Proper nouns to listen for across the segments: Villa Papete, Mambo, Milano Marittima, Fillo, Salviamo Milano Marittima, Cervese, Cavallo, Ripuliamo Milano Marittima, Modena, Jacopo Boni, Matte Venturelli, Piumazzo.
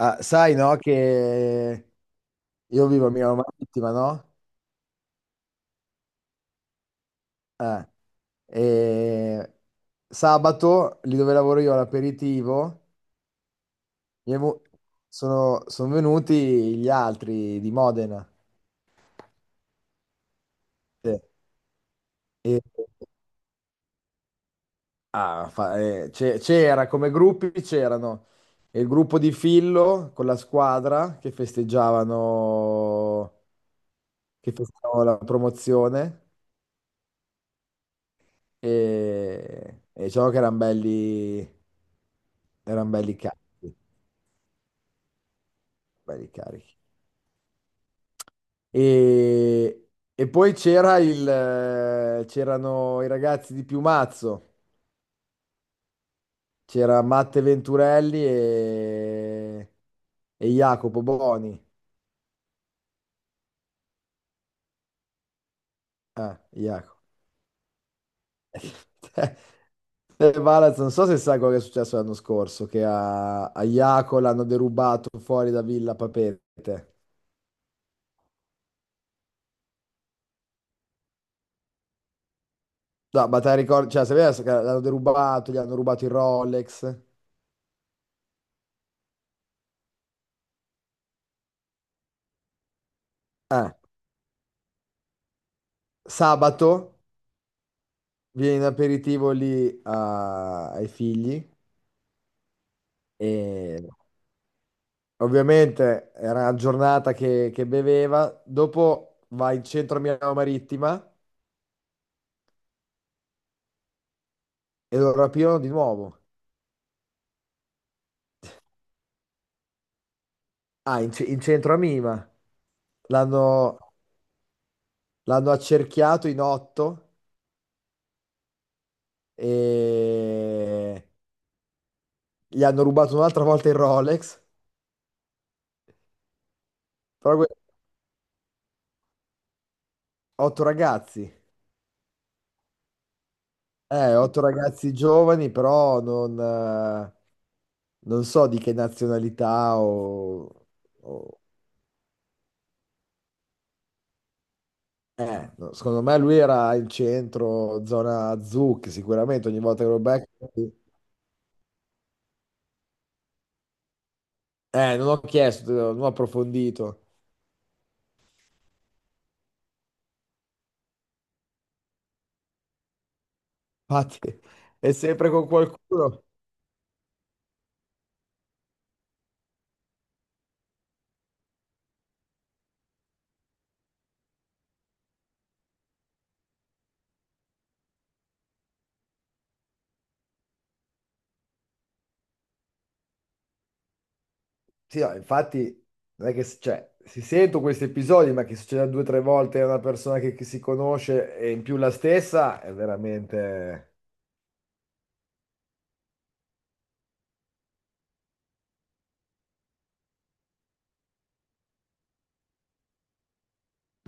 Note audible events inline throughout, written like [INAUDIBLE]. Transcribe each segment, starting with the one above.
Ah, sai, no, che io vivo a Milano Marittima, no? Eh, e sabato, lì dove lavoro io all'aperitivo, mi è vu- sono venuti gli altri di Modena. Sì. E- C'era, come gruppi c'erano il gruppo di Fillo con la squadra che festeggiavano la promozione. E diciamo che erano belli carichi. E, e poi c'erano i ragazzi di Piumazzo, c'era Matte Venturelli e Jacopo Boni. Ah, Jacopo. [LAUGHS] Valaz, non so se sai quello che è successo l'anno scorso, che a Jaco l'hanno derubato fuori da Villa Papete. No, ma te la ricordi, cioè, sapevi che l'hanno derubato, gli hanno rubato il Rolex. Eh, Sabato viene in aperitivo ai figli e ovviamente era una giornata che beveva, dopo va in centro a Milano Marittima e lo rapirono di nuovo. Ah, in centro a Mima. L'hanno l'hanno accerchiato in otto e gli hanno rubato un'altra volta il Rolex. Però que- Otto ragazzi, otto ragazzi giovani, però non so di che nazionalità o no, secondo me lui era in centro, zona azzurra, che sicuramente ogni volta che lo becco... non ho chiesto, non ho approfondito. Infatti, è sempre con qualcuno. Sì, no, infatti, non è che... Cioè, si sentono questi episodi, ma che succeda due o tre volte a una persona che si conosce e in più la stessa, è veramente...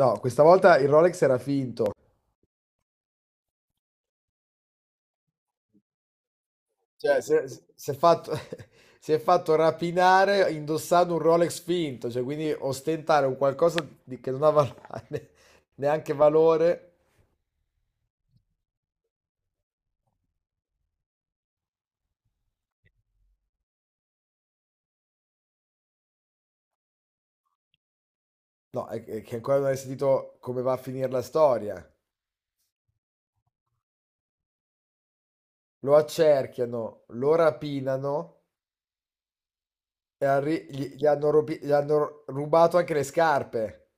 No, questa volta il Rolex era finto. Cioè, si è fatto, [LAUGHS] si è fatto rapinare indossando un Rolex finto, cioè, quindi ostentare un qualcosa che non ha val- [LAUGHS] ne- neanche valore, no, è che ancora non hai sentito come va a finire la storia. Lo accerchiano, lo rapinano e gli hanno rubato anche le scarpe.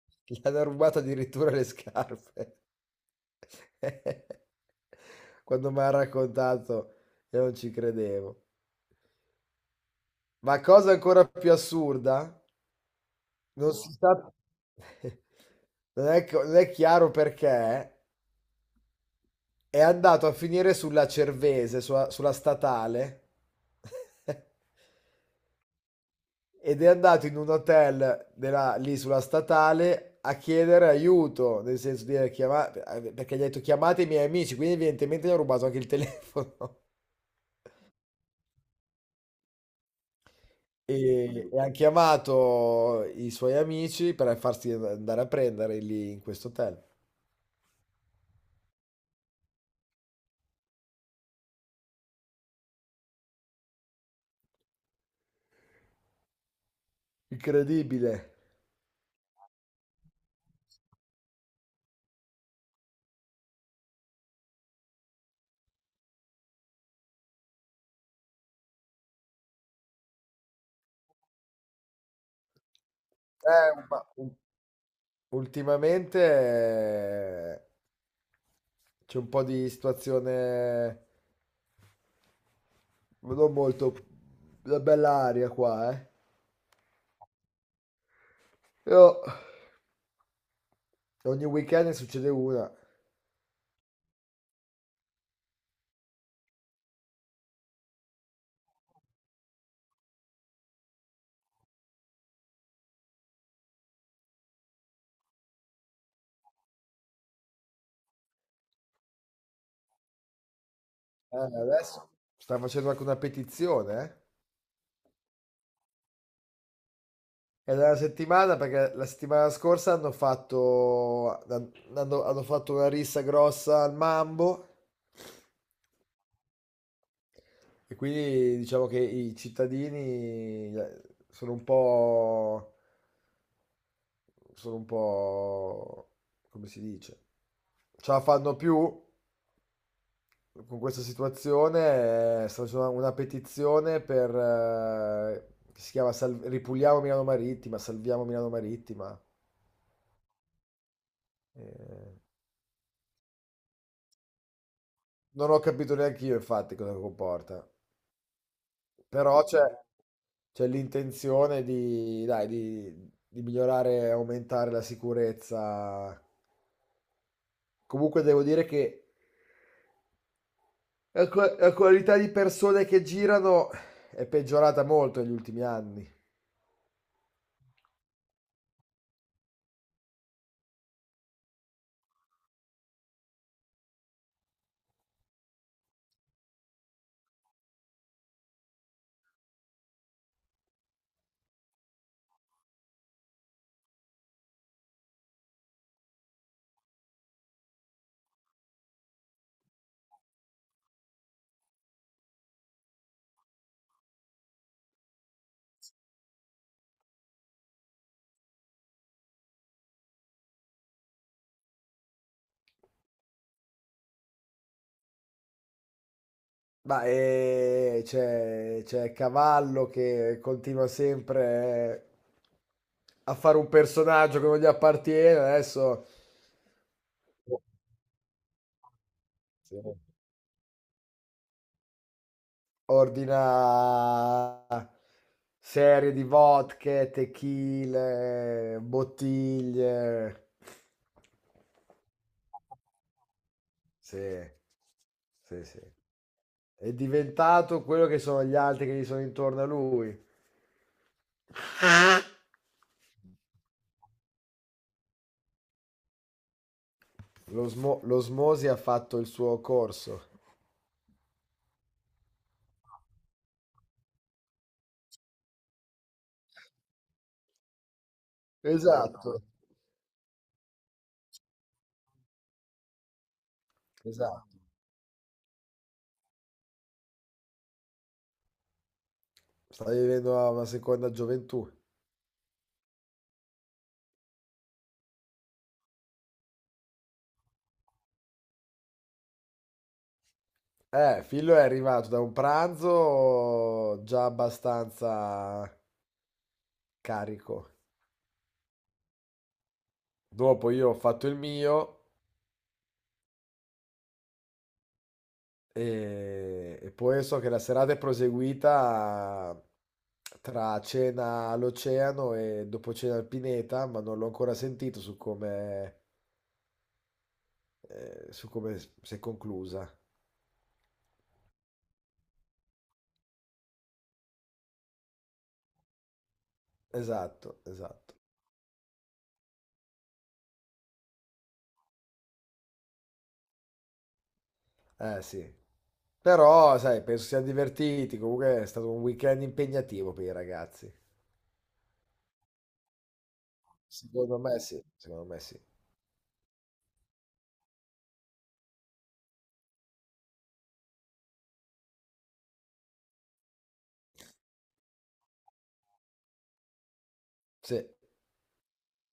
[LAUGHS] Gli hanno rubato addirittura le scarpe. [LAUGHS] Quando mi ha raccontato, io non ci credevo. Ma cosa ancora più assurda, non si sa, [LAUGHS] non è chiaro perché, è andato a finire sulla Cervese, sulla statale, [LAUGHS] ed è andato in un hotel lì sulla statale a chiedere aiuto, nel senso di perché gli ha detto chiamate i miei amici, quindi evidentemente gli ha rubato anche il telefono. [LAUGHS] E ha chiamato i suoi amici per farsi andare a prendere lì in questo hotel. Incredibile. Eh, ma u- Ultimamente c'è un po' di situazione non molto la bella aria qua, eh. Io- Ogni weekend ne succede una. Adesso sta facendo anche una petizione, eh. È della settimana perché la settimana scorsa hanno fatto una rissa grossa al Mambo. E quindi diciamo che i cittadini sono un po', sono un po', come si dice, ce la fanno più con questa situazione, sta facendo una petizione per, che si chiama Ripuliamo Milano Marittima, Salviamo Milano Marittima. Eh, non ho capito neanche io infatti cosa comporta, però c'è l'intenzione di, dai, di migliorare e aumentare la sicurezza. Comunque devo dire che la qualità di persone che girano è peggiorata molto negli ultimi anni. Ma c'è Cavallo che continua sempre a fare un personaggio che non gli appartiene. Adesso sì, ordina serie di vodka, tequila, bottiglie. Sì, sì, sì. È diventato quello che sono gli altri che gli sono intorno a lui. L'osmosi ha fatto il suo corso. Esatto, esatto. Sta vivendo una seconda gioventù. Fillo è arrivato da un pranzo già abbastanza carico. Dopo io ho fatto il mio. E poi so che la serata è proseguita tra cena all'Oceano e dopo cena al Pineta, ma non l'ho ancora sentito su come si è conclusa. Esatto, esatto. Eh sì. Però, sai, penso siano divertiti. Comunque è stato un weekend impegnativo per i ragazzi. Secondo me sì, secondo me sì. Sì.